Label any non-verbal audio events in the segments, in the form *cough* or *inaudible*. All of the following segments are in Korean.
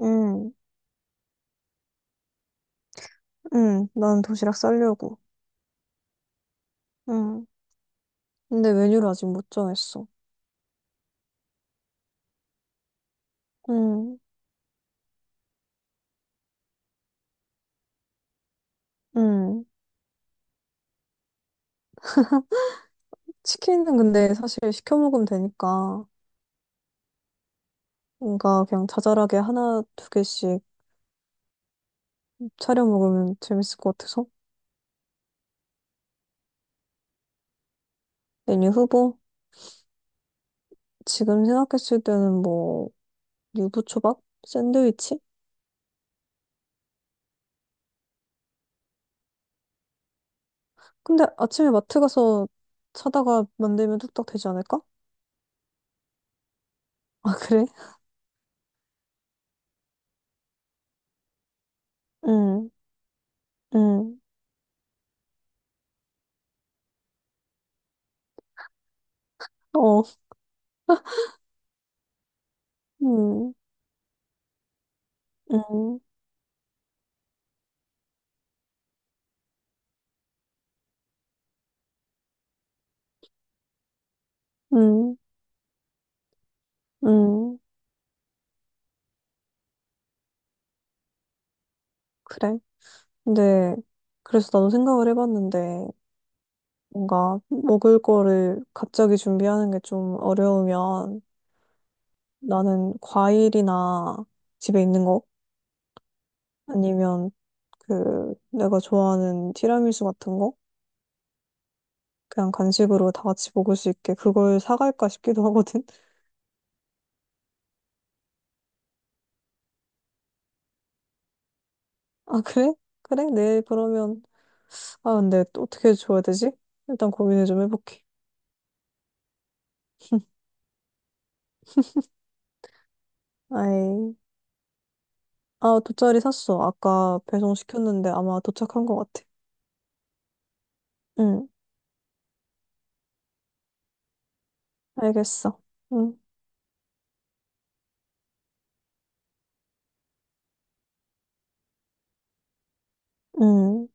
응, 응, 난 도시락 싸려고. 응. 근데 메뉴를 아직 못 정했어. 응, 응. 치킨은 근데 사실 시켜 먹으면 되니까 뭔가 그냥 자잘하게 하나, 두 개씩 차려 먹으면 재밌을 것 같아서. 메뉴 후보? 지금 생각했을 때는 뭐, 유부초밥? 샌드위치? 근데 아침에 마트 가서 사다가 만들면 뚝딱 되지 않을까? *laughs* 아, 그래? 응, 응. 어, 응, 응, 응, 응. 그래. 근데 그래서 나도 생각을 해봤는데 뭔가 먹을 거를 갑자기 준비하는 게 좀 어려우면 나는 과일이나 집에 있는 거 아니면 그 내가 좋아하는 티라미수 같은 거 그냥 간식으로 다 같이 먹을 수 있게 그걸 사갈까 싶기도 하거든. *laughs* 아 그래? 그래? 내일 그러면 아 근데 또 어떻게 줘야 되지? 일단 고민을 좀 해볼게. 아이 아 돗자리 샀어. 아까 배송 시켰는데 아마 도착한 것 같아. 응. 알겠어. 응, 응.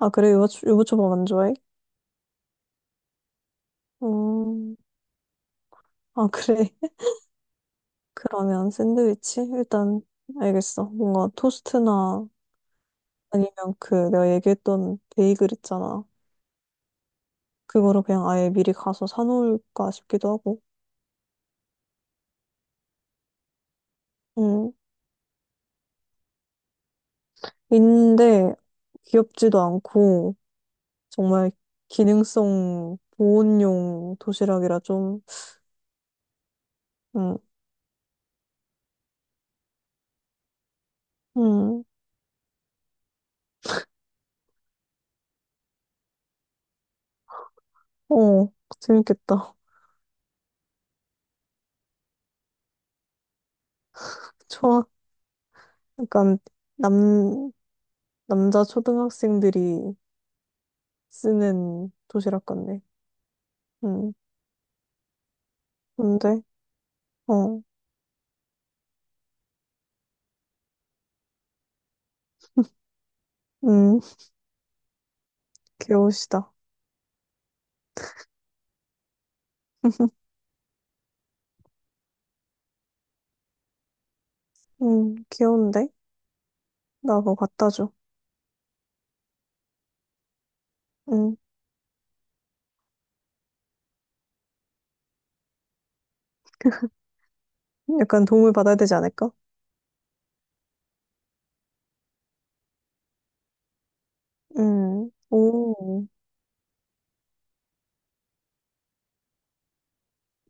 아, 그래, 유부초밥 안 좋아해? 음, 아, 그래. *laughs* 그러면 샌드위치? 일단, 알겠어. 뭔가 토스트나 아니면 그 내가 얘기했던 베이글 있잖아. 그거를 그냥 아예 미리 가서 사놓을까 싶기도 하고. 음, 있는데 귀엽지도 않고 정말 기능성 보온용 도시락이라 좀, 음, 음, 어, 재밌겠다. *laughs* 좋아. 약간 남, 남자 초등학생들이 쓰는 도시락 같네. 음, 근데, 어, *laughs* 음, 귀여우시다. 귀여운데? 나 그거 갖다 줘. 음, 약간 도움을 받아야 되지 않을까? 오,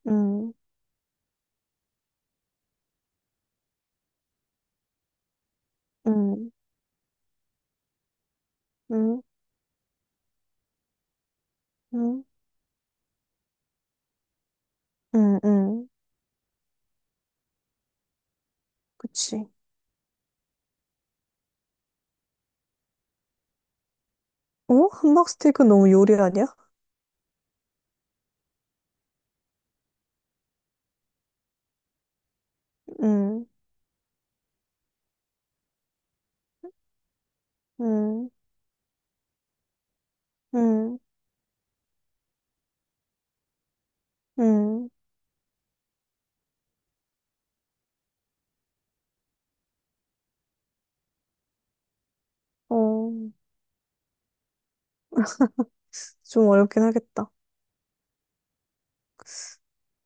음, 음, 음, 음, 음, 음, 그치. 어? 함박 스테이크 너무 요리 아니야? 음, 음, 음, 음, 어, 좀 어렵긴 하겠다.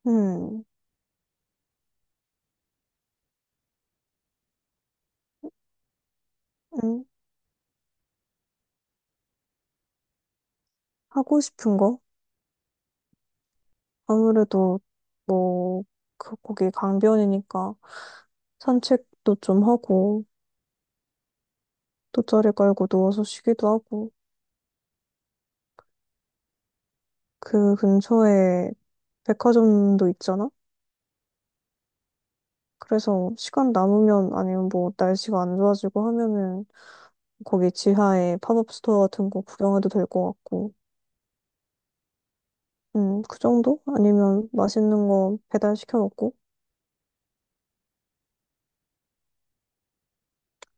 음, 음, 하고 싶은 거? 아무래도 뭐, 그 거기 강변이니까 산책도 좀 하고, 돗자리 깔고 누워서 쉬기도 하고, 그 근처에 백화점도 있잖아? 그래서 시간 남으면 아니면 뭐 날씨가 안 좋아지고 하면은 거기 지하에 팝업 스토어 같은 거 구경해도 될 것 같고, 그 정도? 아니면 맛있는 거 배달 시켜 먹고,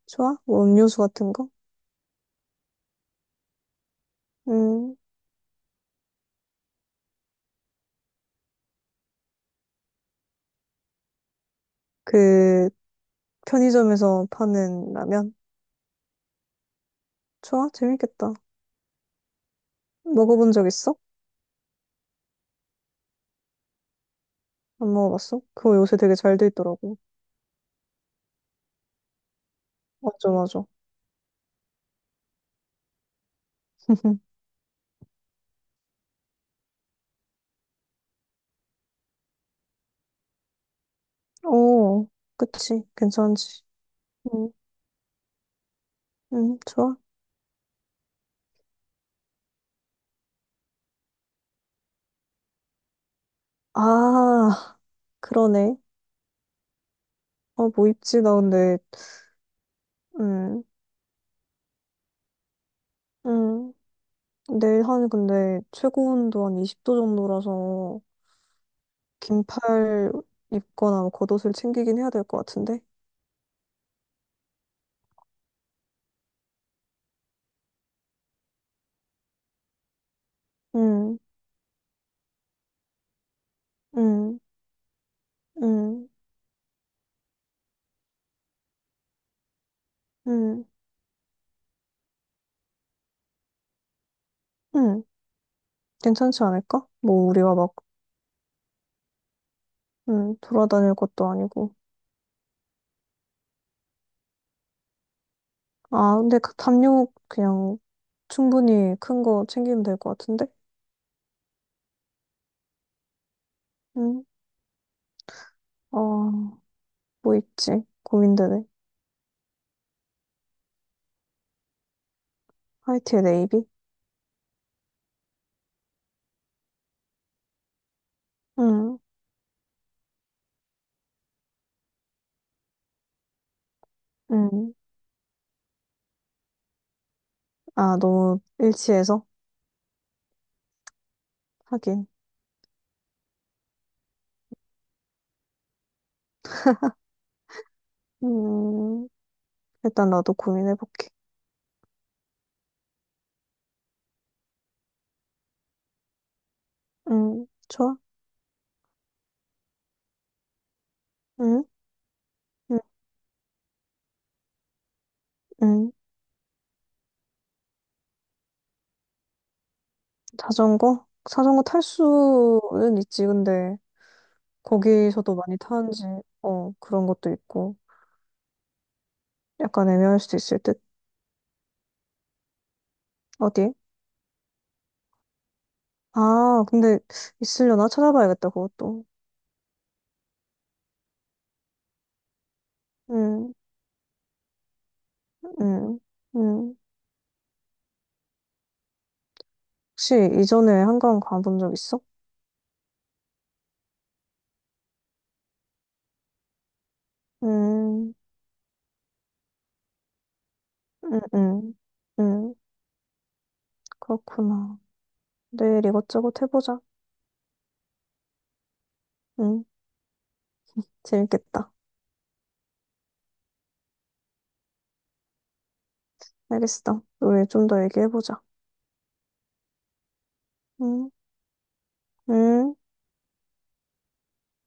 좋아? 뭐 음료수 같은 거? 음, 그 편의점에서 파는 라면? 좋아? 재밌겠다. 먹어본 적 있어? 안 먹어봤어? 그거 요새 되게 잘 돼 있더라고. 맞아, 맞아. *laughs* 오 그치. 괜찮지. 응, 응, 좋아. 아, 그러네. 어, 뭐 입지? 나 근데, 음, 음. 내일 근데, 최고 온도 한 20도 정도라서, 긴팔 입거나 뭐 겉옷을 챙기긴 해야 될 것 같은데. 음, 음, 음, 음, 음. 괜찮지 않을까? 뭐, 우리가 막, 돌아다닐 것도 아니고. 아, 근데 그 담요 그냥 충분히 큰 거 챙기면 될 것 같은데? 응. 어, 뭐 있지? 고민되네. 화이트에 네이비? 응, 응. 아, 너무 일치해서? 하긴. 음, 일단 나도 고민해볼게. 응, 좋아. 응, 응, 응. 자전거? 자전거 탈 수는 있지, 근데 거기서도 많이 타는지, 어, 그런 것도 있고. 약간 애매할 수도 있을 듯. 어디? 아, 근데 있으려나? 찾아봐야겠다, 그것도. 음, 음, 음. 혹시 이전에 한강 가본 적 있어? 음, 음, 음, 음, 그렇구나. 내일 이것저것 해보자. 음, 재밌겠다. 알겠어. 우리 좀 더 얘기해보자. 음, 음.